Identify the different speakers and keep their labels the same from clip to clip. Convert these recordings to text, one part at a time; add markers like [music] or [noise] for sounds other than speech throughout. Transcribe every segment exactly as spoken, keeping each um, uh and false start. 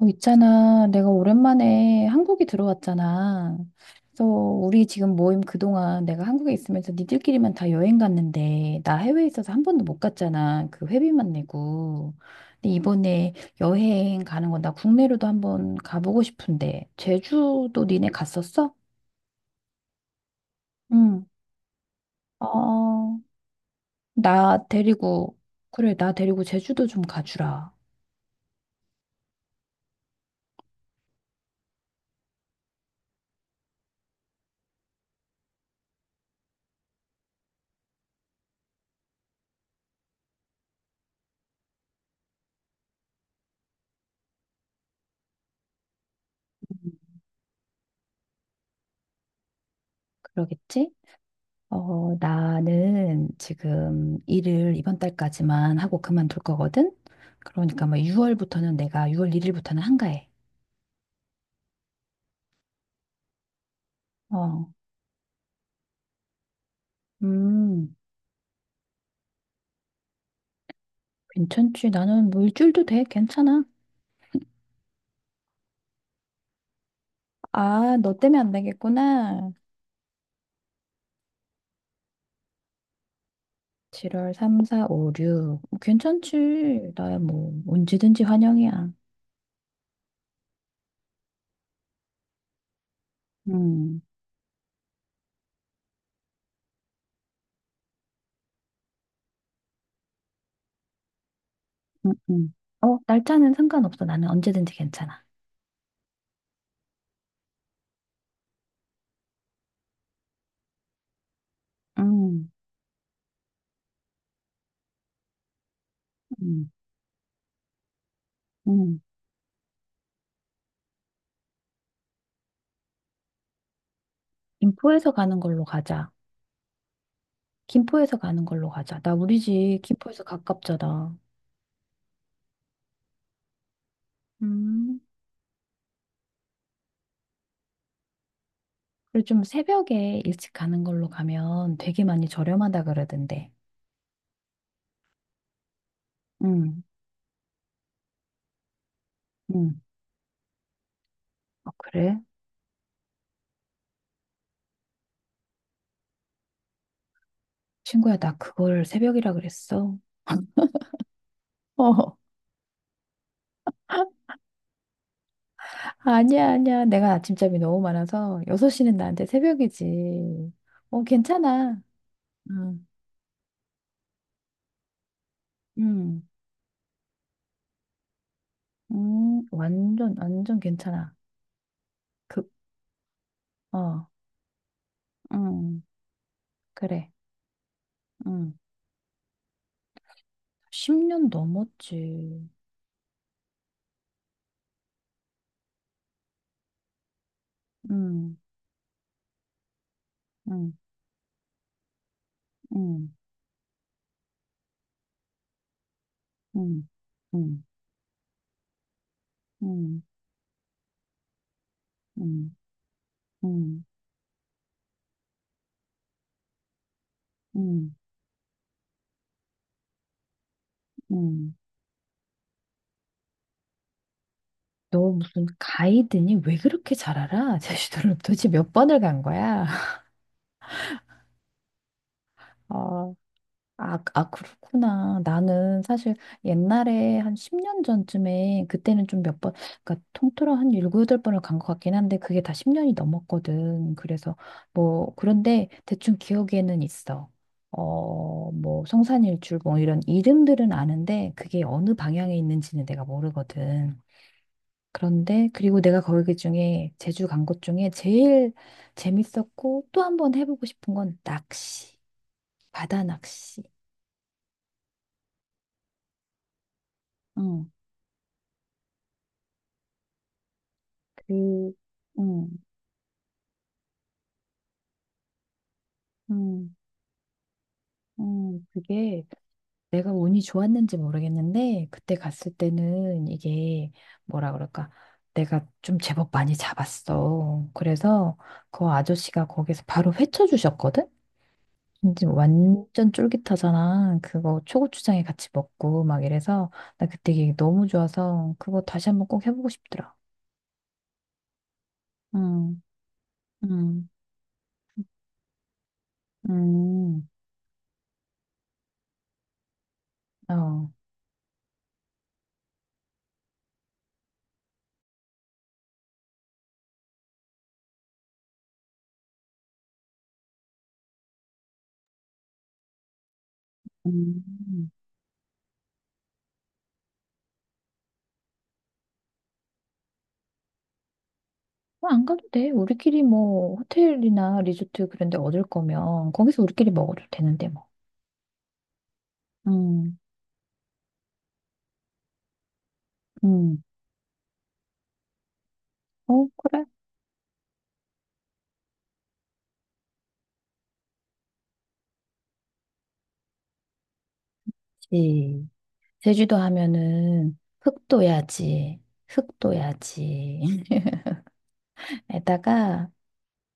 Speaker 1: 어, 있잖아. 내가 오랜만에 한국에 들어왔잖아. 그래서 우리 지금 모임 그동안 내가 한국에 있으면서 니들끼리만 다 여행 갔는데 나 해외에 있어서 한 번도 못 갔잖아. 그 회비만 내고. 근데 이번에 여행 가는 건 나 국내로도 한 번 가보고 싶은데 제주도 니네 갔었어? 응. 어, 나 데리고 그래, 나 데리고 제주도 좀 가주라. 그러겠지? 어, 나는 지금 일을 이번 달까지만 하고 그만둘 거거든? 그러니까 뭐 유월부터는 내가 유월 일 일부터는 한가해. 어, 음, 괜찮지. 나는 뭐 일주일도 돼. 괜찮아. 아, 너 때문에 안 되겠구나. 칠월 삼, 사, 오, 육. 괜찮지. 나야 뭐 언제든지 환영이야. 음, 음, 음. 어, 날짜는 상관없어. 나는 언제든지 괜찮아. 음, 음, 음. 김포에서 가는 걸로 가자. 김포에서 가는 걸로 가자. 나 우리 집 김포에서 가깝잖아. 음, 그리고 좀 새벽에 일찍 가는 걸로 가면 되게 많이 저렴하다 그러던데. 응, 응. 어, 그래? 친구야, 나 그걸 새벽이라 그랬어. 어, [laughs] 아니야, 아니야. 내가 아침잠이 너무 많아서 여섯 시는 나한테 새벽이지. 어, 괜찮아. 응. 응, 응, 완전, 완전 괜찮아. 그, 어, 응, 그래. 응. 십 년 넘었지. 응. 음, 음, 음, 음, 음, 음, 음, 음, 음. 너 무슨 가이드니? 왜 그렇게 잘 알아? 제주도를 도대체 몇 번을 간 거야? [laughs] 아, 그, 아, 그렇구나. 나는 사실 옛날에 한 십 년 전쯤에 그때는 좀 몇 번, 그러니까 통틀어 한 칠, 팔 번을 간 것 같긴 한데 그게 다 십 년이 넘었거든. 그래서 뭐, 그런데 대충 기억에는 있어. 어, 뭐, 성산일출 뭐 이런 이름들은 아는데 그게 어느 방향에 있는지는 내가 모르거든. 그런데 그리고 내가 거기 그 중에 제주 간 곳 중에 제일 재밌었고 또 한 번 해보고 싶은 건 낚시, 바다 낚시. 응. 그, 음, 음, 음. 그게 내가 운이 좋았는지 모르겠는데, 그때 갔을 때는 이게 뭐라 그럴까. 내가 좀 제법 많이 잡았어. 그래서 그 아저씨가 거기서 바로 회쳐 주셨거든? 근데 완전 쫄깃하잖아. 그거 초고추장에 같이 먹고 막 이래서 나 그때 이게 너무 좋아서 그거 다시 한번 꼭 해보고 싶더라. 음, 음, 음, 어, 음. 아, 안 가도 돼. 우리끼리 뭐 호텔이나 리조트 그런 데 얻을 거면 거기서 우리끼리 먹어도 되는데 뭐. 음, 음. 어, 그렇지. 제주도 하면은 흑도야지, 흑도야지. [laughs] 에다가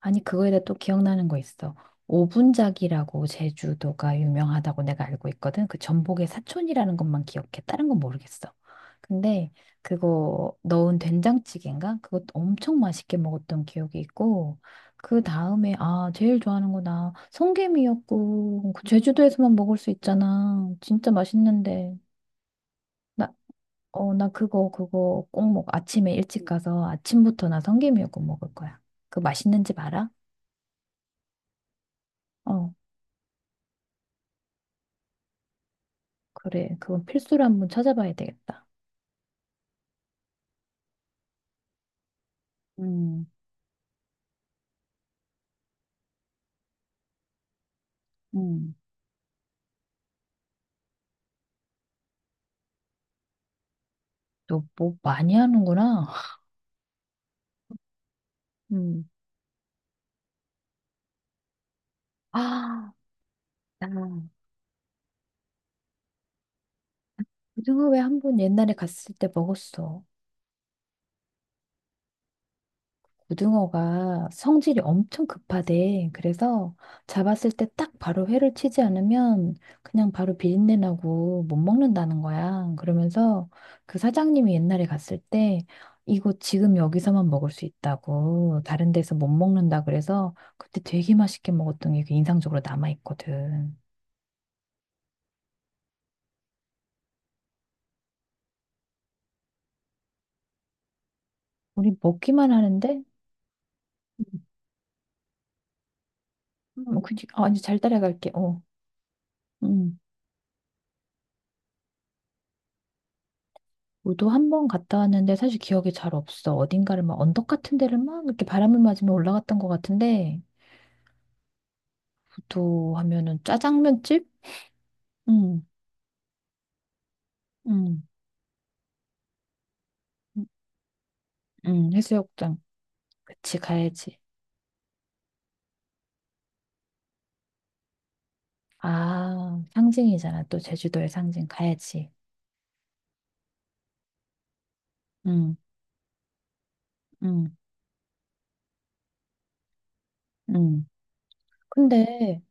Speaker 1: 아니, 그거에 대해 또 기억나는 거 있어. 오분작이라고 제주도가 유명하다고 내가 알고 있거든. 그 전복의 사촌이라는 것만 기억해. 다른 건 모르겠어. 근데 그거 넣은 된장찌개인가? 그것 엄청 맛있게 먹었던 기억이 있고, 그 다음에, 아, 제일 좋아하는 거나 성게미역국. 그 제주도에서만 먹을 수 있잖아. 진짜 맛있는데. 나, 어, 나 그거, 그거 꼭 먹어. 아침에 일찍 가서 아침부터 나 성게미역국 먹을 거야. 그 맛있는 집 알아? 어. 그래. 그건 필수로 한번 찾아봐야 되겠다. 음, 음, 너 뭐 많이 하는구나. [laughs] 음. 아, 나, 고등어 회 한 번 옛날에 갔을 때 먹었어. 고등어가 성질이 엄청 급하대. 그래서 잡았을 때 딱 바로 회를 치지 않으면 그냥 바로 비린내 나고 못 먹는다는 거야. 그러면서 그 사장님이 옛날에 갔을 때 이거 지금 여기서만 먹을 수 있다고 다른 데서 못 먹는다 그래서 그때 되게 맛있게 먹었던 게 그 인상적으로 남아 있거든. 우리 먹기만 하는데 뭐 음. 그지? 아, 이제 잘 따라갈게. 어. 음. 우도 한 번 갔다 왔는데 사실 기억이 잘 없어. 어딘가를 막 언덕 같은 데를 막 이렇게 바람을 맞으며 올라갔던 것 같은데 우도 하면은 짜장면집? 응, 응, 응, 응, 해수욕장. 그치, 가야지. 아, 상징이잖아. 또 제주도의 상징 가야지. 응, 응, 응. 근데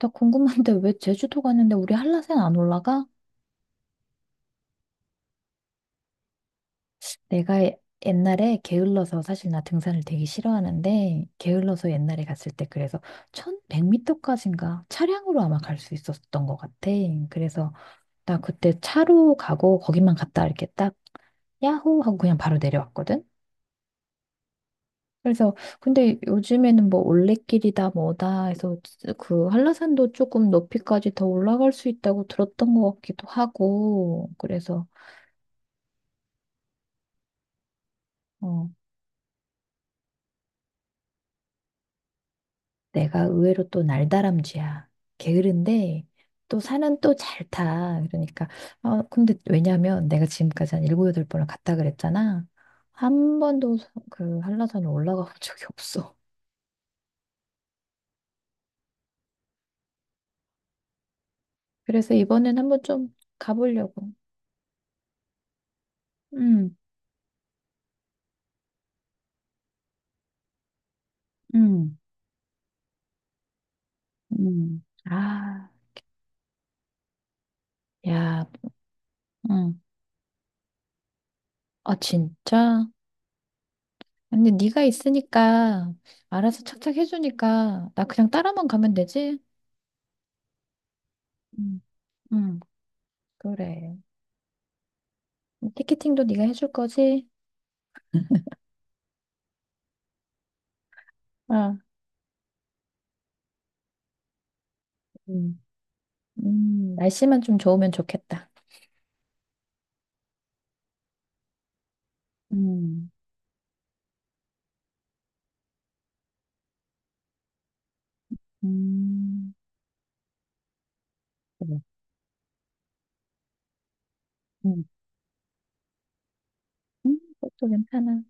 Speaker 1: 나 궁금한데 왜 제주도 가는데 우리 한라산 안 올라가? 내가 예- 옛날에 게을러서 사실 나 등산을 되게 싫어하는데 게을러서 옛날에 갔을 때 그래서 천백 미터까지인가 차량으로 아마 갈 수 있었던 것 같아. 그래서 나 그때 차로 가고 거기만 갔다 이렇게 딱 야호 하고 그냥 바로 내려왔거든. 그래서 근데 요즘에는 뭐 올레길이다 뭐다 해서 그 한라산도 조금 높이까지 더 올라갈 수 있다고 들었던 것 같기도 하고 그래서 어. 내가 의외로 또 날다람쥐야. 게으른데 또 산은 또 잘 타. 그러니까 어 근데 왜냐면 내가 지금까지 한 일곱 여덟 번을 갔다 그랬잖아. 한 번도 서- 그 한라산에 올라가 본 [laughs] 적이 없어. 그래서 이번엔 한번 좀 가보려고. 음, 음, 음. 아, 야, 음. 아, 진짜? 근데 네가 있으니까 알아서 착착 해주니까 나 그냥 따라만 가면 되지? 음, 음. 그래. 티켓팅도 네가 해줄 거지? 어, 음. 음, 날씨만 좀 좋으면 좋겠다. 음, 음, 그래. 음, 음, 그것도 괜찮아.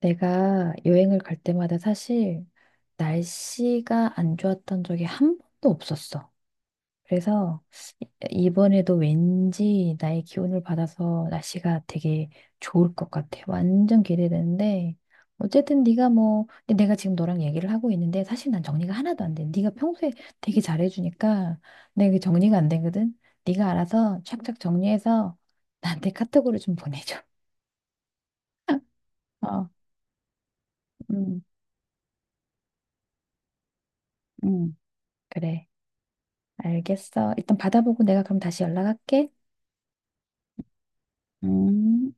Speaker 1: 내가 여행을 갈 때마다 사실 날씨가 안 좋았던 적이 한 번도 없었어. 그래서 이- 이번에도 왠지 나의 기운을 받아서 날씨가 되게 좋을 것 같아. 완전 기대되는데 어쨌든 네가 뭐 근데 내가 지금 너랑 얘기를 하고 있는데 사실 난 정리가 하나도 안 돼. 네가 평소에 되게 잘해주니까 내가 이게 정리가 안 되거든. 네가 알아서 착착 정리해서 나한테 카톡으로 좀 보내줘. [laughs] 어, 음, 음, 그래. 알겠어. 일단 받아보고 내가 그럼 다시 연락할게. 음.